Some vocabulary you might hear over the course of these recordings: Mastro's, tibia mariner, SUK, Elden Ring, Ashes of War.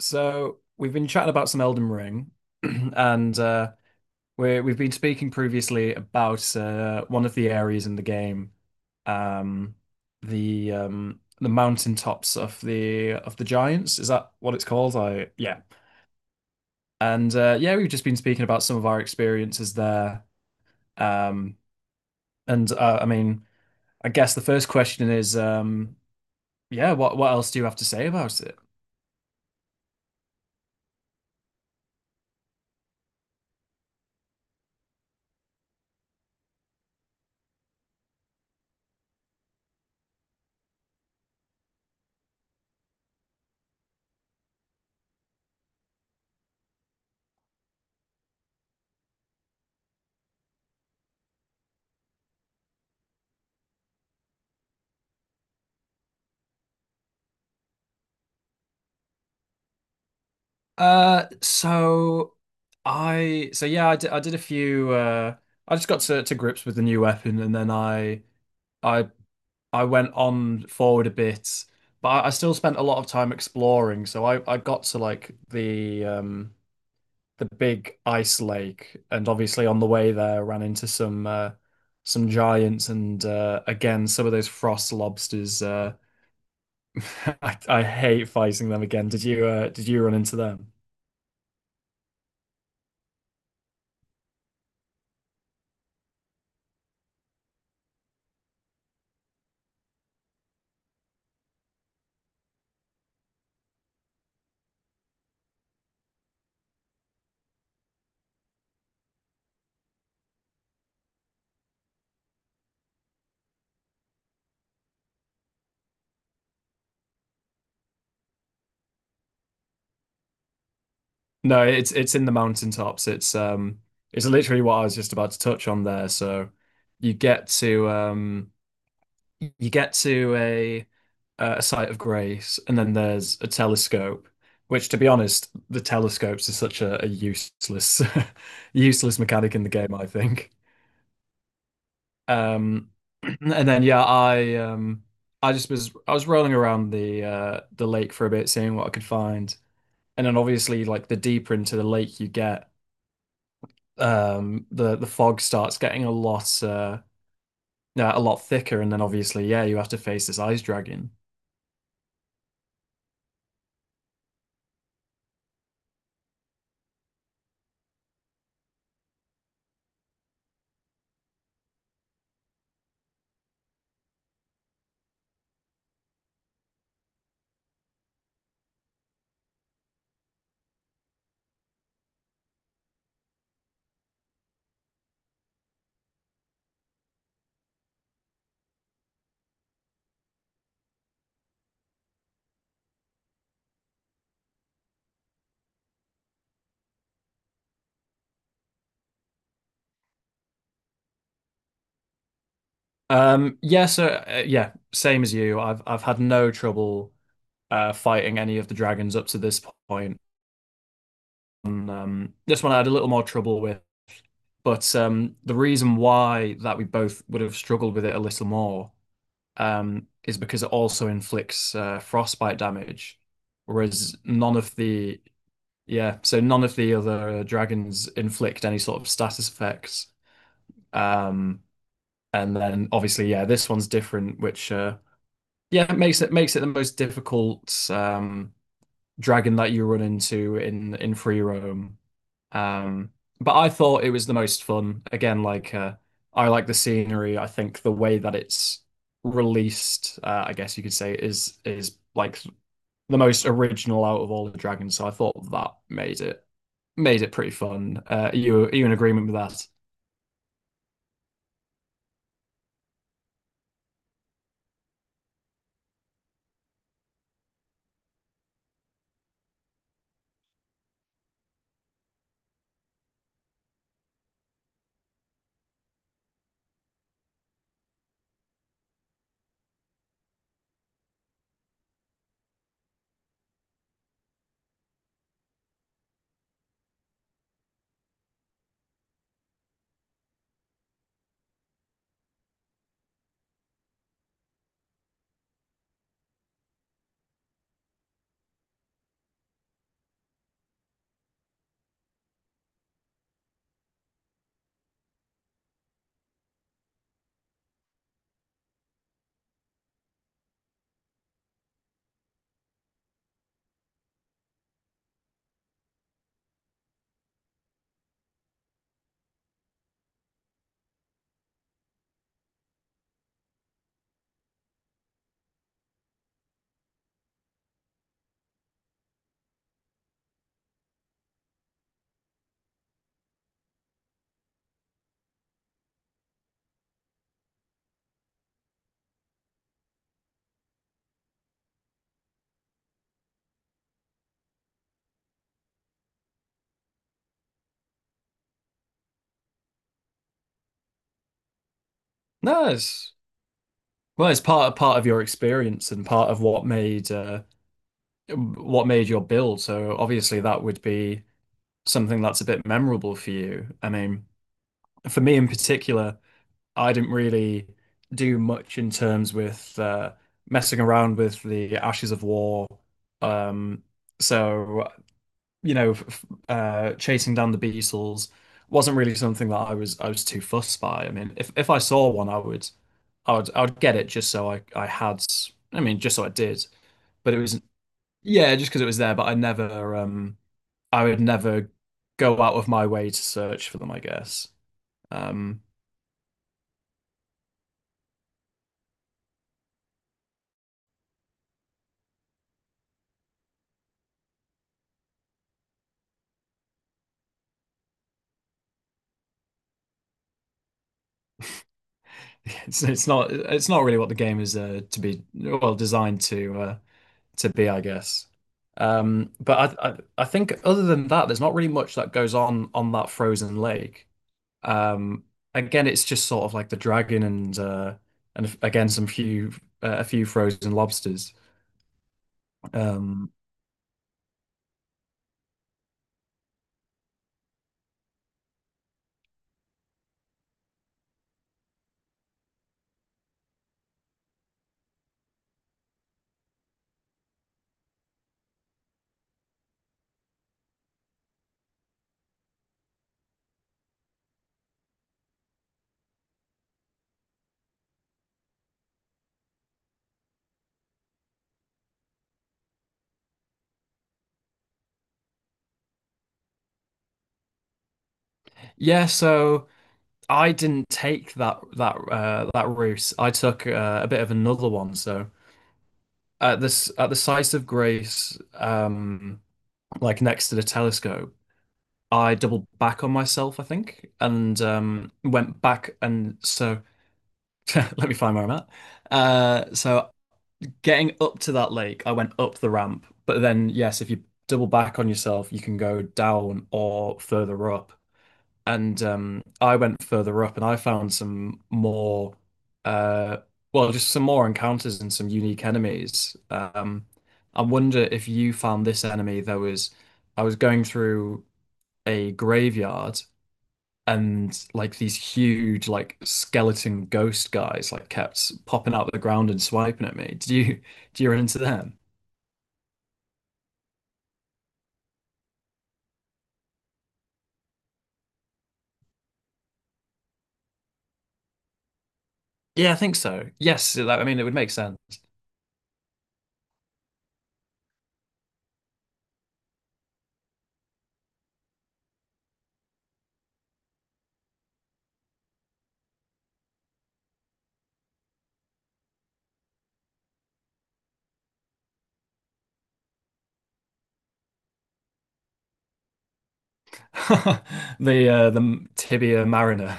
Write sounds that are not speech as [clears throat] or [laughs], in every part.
So we've been chatting about some Elden Ring, [clears throat] and we've been speaking previously about one of the areas in the game, um, the mountaintops of the giants. Is that what it's called? I yeah, and Yeah, we've just been speaking about some of our experiences there. Um, and uh, I mean, I guess the first question is, yeah, what else do you have to say about it? Uh, so so yeah, I did a few. I just got to grips with the new weapon and then I I I went on forward a bit, but I still spent a lot of time exploring. So I got to like the big ice lake, and obviously on the way there ran into some some giants and again some of those frost lobsters. [laughs] I hate fighting them again. Did you did you run into them? No, it's in the mountaintops. It's literally what I was just about to touch on there. So you get to you get to a site of grace, and then there's a telescope, which to be honest, the telescopes is such a useless [laughs] useless mechanic in the game, I think. Um [clears throat] and then yeah, I just was I was rolling around the lake for a bit, seeing what I could find. And then obviously, like, the deeper into the lake you get, the the fog starts getting a lot, yeah, a lot thicker, and then obviously, yeah, you have to face this ice dragon. Yeah, same as you, I've had no trouble fighting any of the dragons up to this point. This one I had a little more trouble with, but the reason why that we both would have struggled with it a little more is because it also inflicts frostbite damage, whereas none of the. Yeah, so none of the other dragons inflict any sort of status effects. Um, and then obviously, yeah, this one's different, which yeah, it makes it the most difficult dragon that you run into in free roam. Um, but I thought it was the most fun. Again, like, I like the scenery. I think the way that it's released, I guess you could say, is like the most original out of all the dragons. So I thought that made it pretty fun. Are you are you in agreement with that? No, it's well, it's part of your experience and part of what made your build. So obviously that would be something that's a bit memorable for you. I mean, for me in particular, I didn't really do much in terms with messing around with the Ashes of War. Um, so you know, chasing down the Beatles wasn't really something that I was too fussed by. I mean, if I saw one, I would get it just so I had, I mean, just so I did. But it was yeah, just because it was there. But I never, I would never go out of my way to search for them, I guess. Um, [laughs] it's not it's not really what the game is to be well designed to be, I guess. But I I think other than that, there's not really much that goes on that frozen lake. Um, again, it's just sort of like the dragon and again some few a few frozen lobsters. Um, yeah, so I didn't take that that route. I took a bit of another one. So at this at the site of Grace, like next to the telescope, I doubled back on myself, I think, and went back. And so [laughs] let me find where I'm at. So getting up to that lake, I went up the ramp. But then, yes, if you double back on yourself, you can go down or further up. And I went further up and I found some more, uh, well, just some more encounters and some unique enemies. I wonder if you found this enemy. There was, I was going through a graveyard, and like these huge like skeleton ghost guys like kept popping out of the ground and swiping at me. Did you Do you run into them? Yeah, I think so. Yes, that, I mean it would make sense. [laughs] The tibia mariner.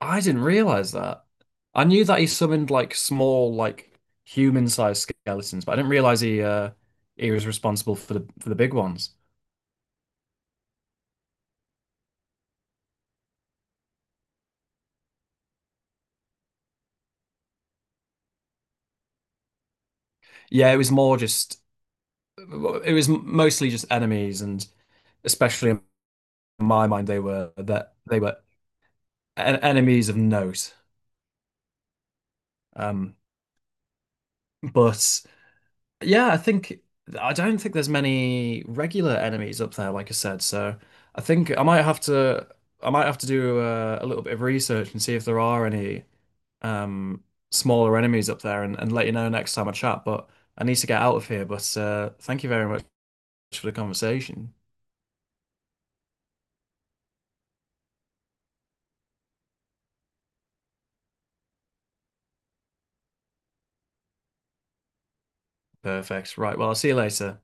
I didn't realize that. I knew that he summoned like small like human-sized skeletons, but I didn't realize he he was responsible for the big ones. Yeah, it was more just it was mostly just enemies and especially my mind they were that they were enemies of note. Um, but yeah, I think I don't think there's many regular enemies up there, like I said. So I think I might have to I might have to do a little bit of research and see if there are any um smaller enemies up there, and let you know next time I chat. But I need to get out of here. But thank you very much for the conversation. Perfect. Right. Well, I'll see you later.